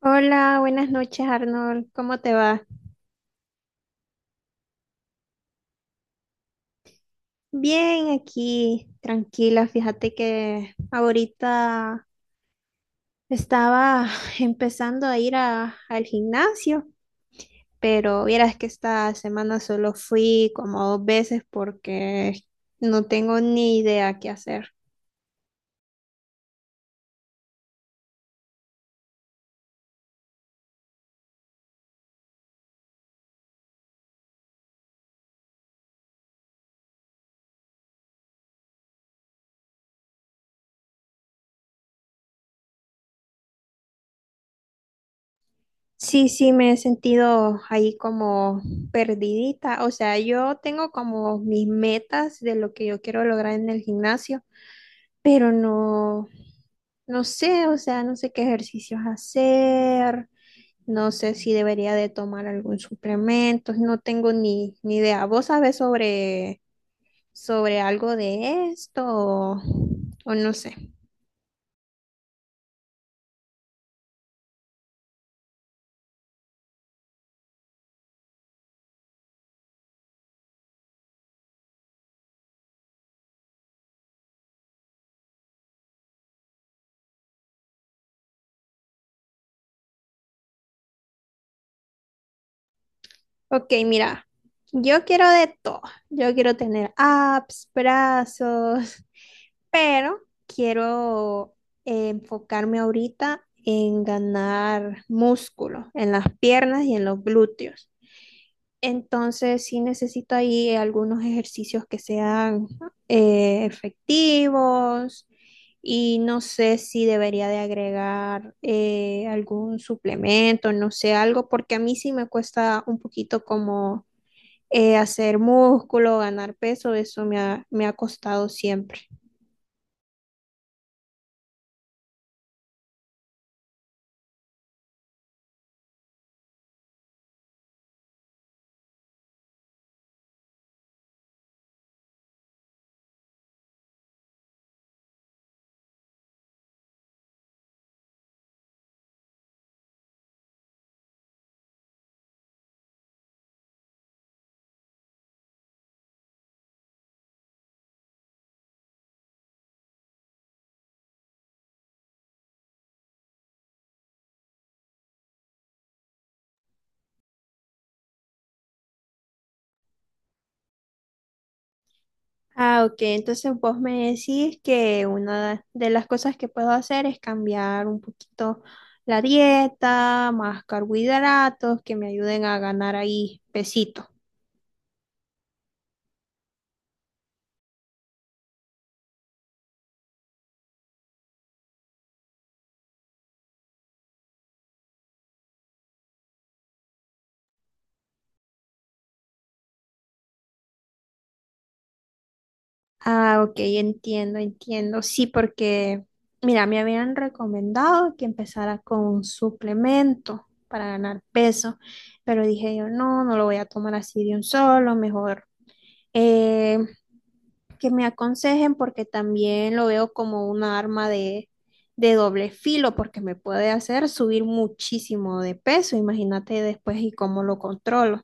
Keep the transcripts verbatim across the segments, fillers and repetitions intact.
Hola, buenas noches Arnold, ¿cómo te va? Bien, aquí, tranquila, fíjate que ahorita estaba empezando a ir a- al gimnasio, pero vieras que esta semana solo fui como dos veces porque no tengo ni idea qué hacer. Sí, sí, me he sentido ahí como perdidita, o sea, yo tengo como mis metas de lo que yo quiero lograr en el gimnasio pero no, no sé, o sea, no sé qué ejercicios hacer, no sé si debería de tomar algún suplemento, no tengo ni, ni idea. ¿Vos sabés sobre, sobre algo de esto o, o no sé? Ok, mira, yo quiero de todo. Yo quiero tener abs, brazos, pero quiero eh, enfocarme ahorita en ganar músculo en las piernas y en los glúteos. Entonces, sí necesito ahí algunos ejercicios que sean eh, efectivos y no sé si debería de agregar eh, algún suplemento, no sé, algo, porque a mí sí me cuesta un poquito como eh, hacer músculo, ganar peso, eso me ha, me ha costado siempre. Ah, ok. Entonces vos me decís que una de las cosas que puedo hacer es cambiar un poquito la dieta, más carbohidratos que me ayuden a ganar ahí pesito. Ah, ok, entiendo, entiendo. Sí, porque, mira, me habían recomendado que empezara con un suplemento para ganar peso, pero dije yo, no, no lo voy a tomar así de un solo, mejor eh, que me aconsejen porque también lo veo como una arma de, de doble filo, porque me puede hacer subir muchísimo de peso, imagínate después y cómo lo controlo.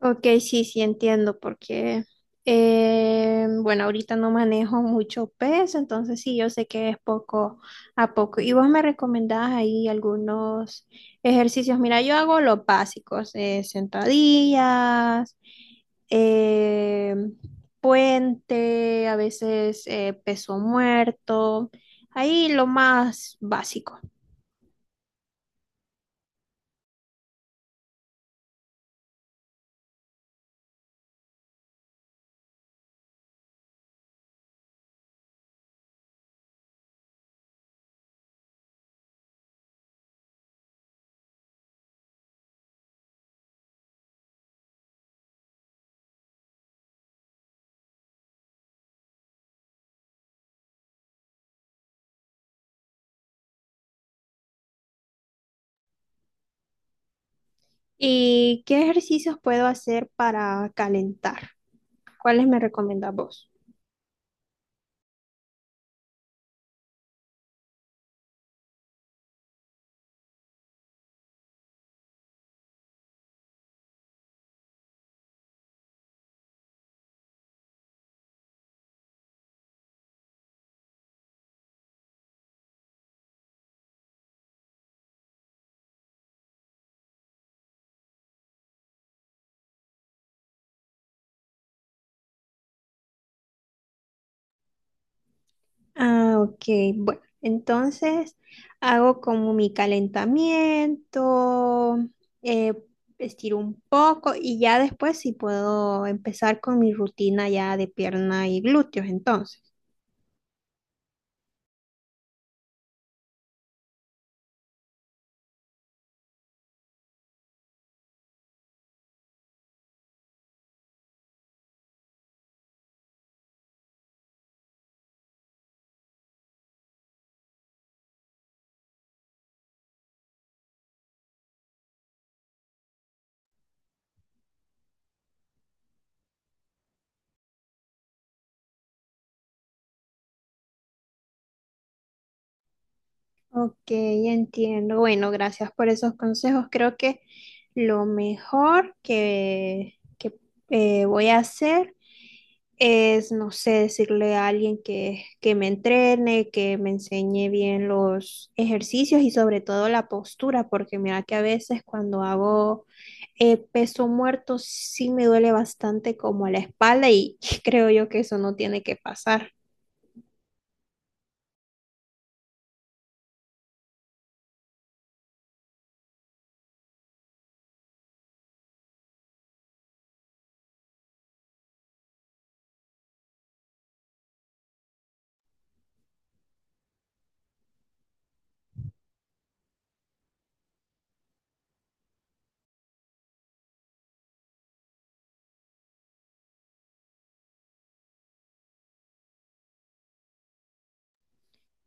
Ok, sí, sí entiendo, porque, eh, bueno, ahorita no manejo mucho peso, entonces sí, yo sé que es poco a poco. Y vos me recomendás ahí algunos ejercicios. Mira, yo hago los básicos, eh, sentadillas, eh, puente, a veces eh, peso muerto, ahí lo más básico. ¿Y qué ejercicios puedo hacer para calentar? ¿Cuáles me recomendás vos? Ah, ok. Bueno, entonces hago como mi calentamiento, eh, estiro un poco y ya después sí puedo empezar con mi rutina ya de pierna y glúteos, entonces. Ok, entiendo. Bueno, gracias por esos consejos. Creo que lo mejor que, que, eh, voy a hacer es, no sé, decirle a alguien que, que me entrene, que me enseñe bien los ejercicios y sobre todo la postura, porque mira que a veces cuando hago eh, peso muerto sí me duele bastante como la espalda y creo yo que eso no tiene que pasar.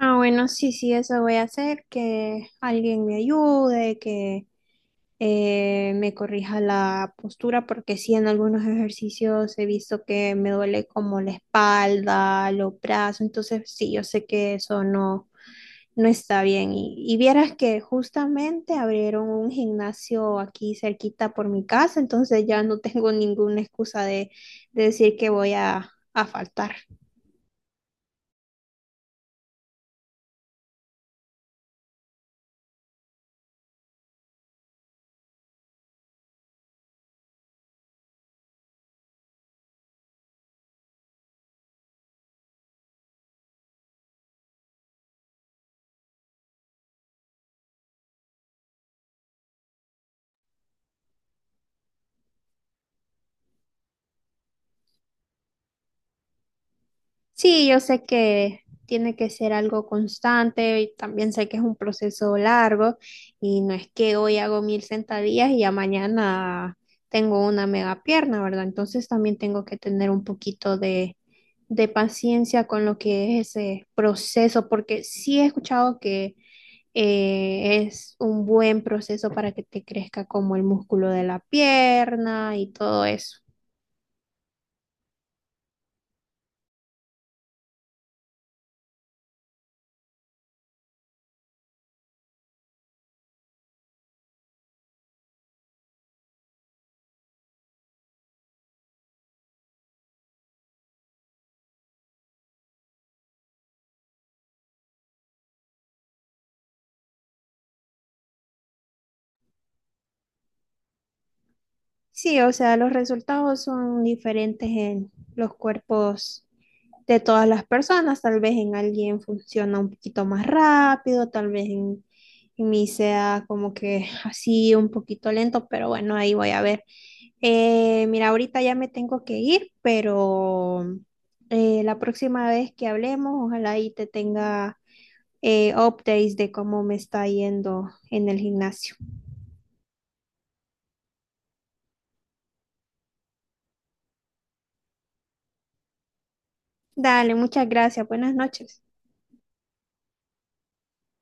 Ah, bueno, sí, sí, eso voy a hacer, que alguien me ayude, que eh, me corrija la postura, porque sí, en algunos ejercicios he visto que me duele como la espalda, los brazos, entonces sí, yo sé que eso no, no está bien. Y, y vieras que justamente abrieron un gimnasio aquí cerquita por mi casa, entonces ya no tengo ninguna excusa de, de decir que voy a, a faltar. Sí, yo sé que tiene que ser algo constante y también sé que es un proceso largo y no es que hoy hago mil sentadillas y ya mañana tengo una mega pierna, ¿verdad? Entonces también tengo que tener un poquito de, de paciencia con lo que es ese proceso, porque sí he escuchado que eh, es un buen proceso para que te crezca como el músculo de la pierna y todo eso. Sí, o sea, los resultados son diferentes en los cuerpos de todas las personas. Tal vez en alguien funciona un poquito más rápido, tal vez en, en mí sea como que así un poquito lento, pero bueno, ahí voy a ver. Eh, mira, ahorita ya me tengo que ir, pero eh, la próxima vez que hablemos, ojalá ahí te tenga eh, updates de cómo me está yendo en el gimnasio. Dale, muchas gracias. Buenas noches.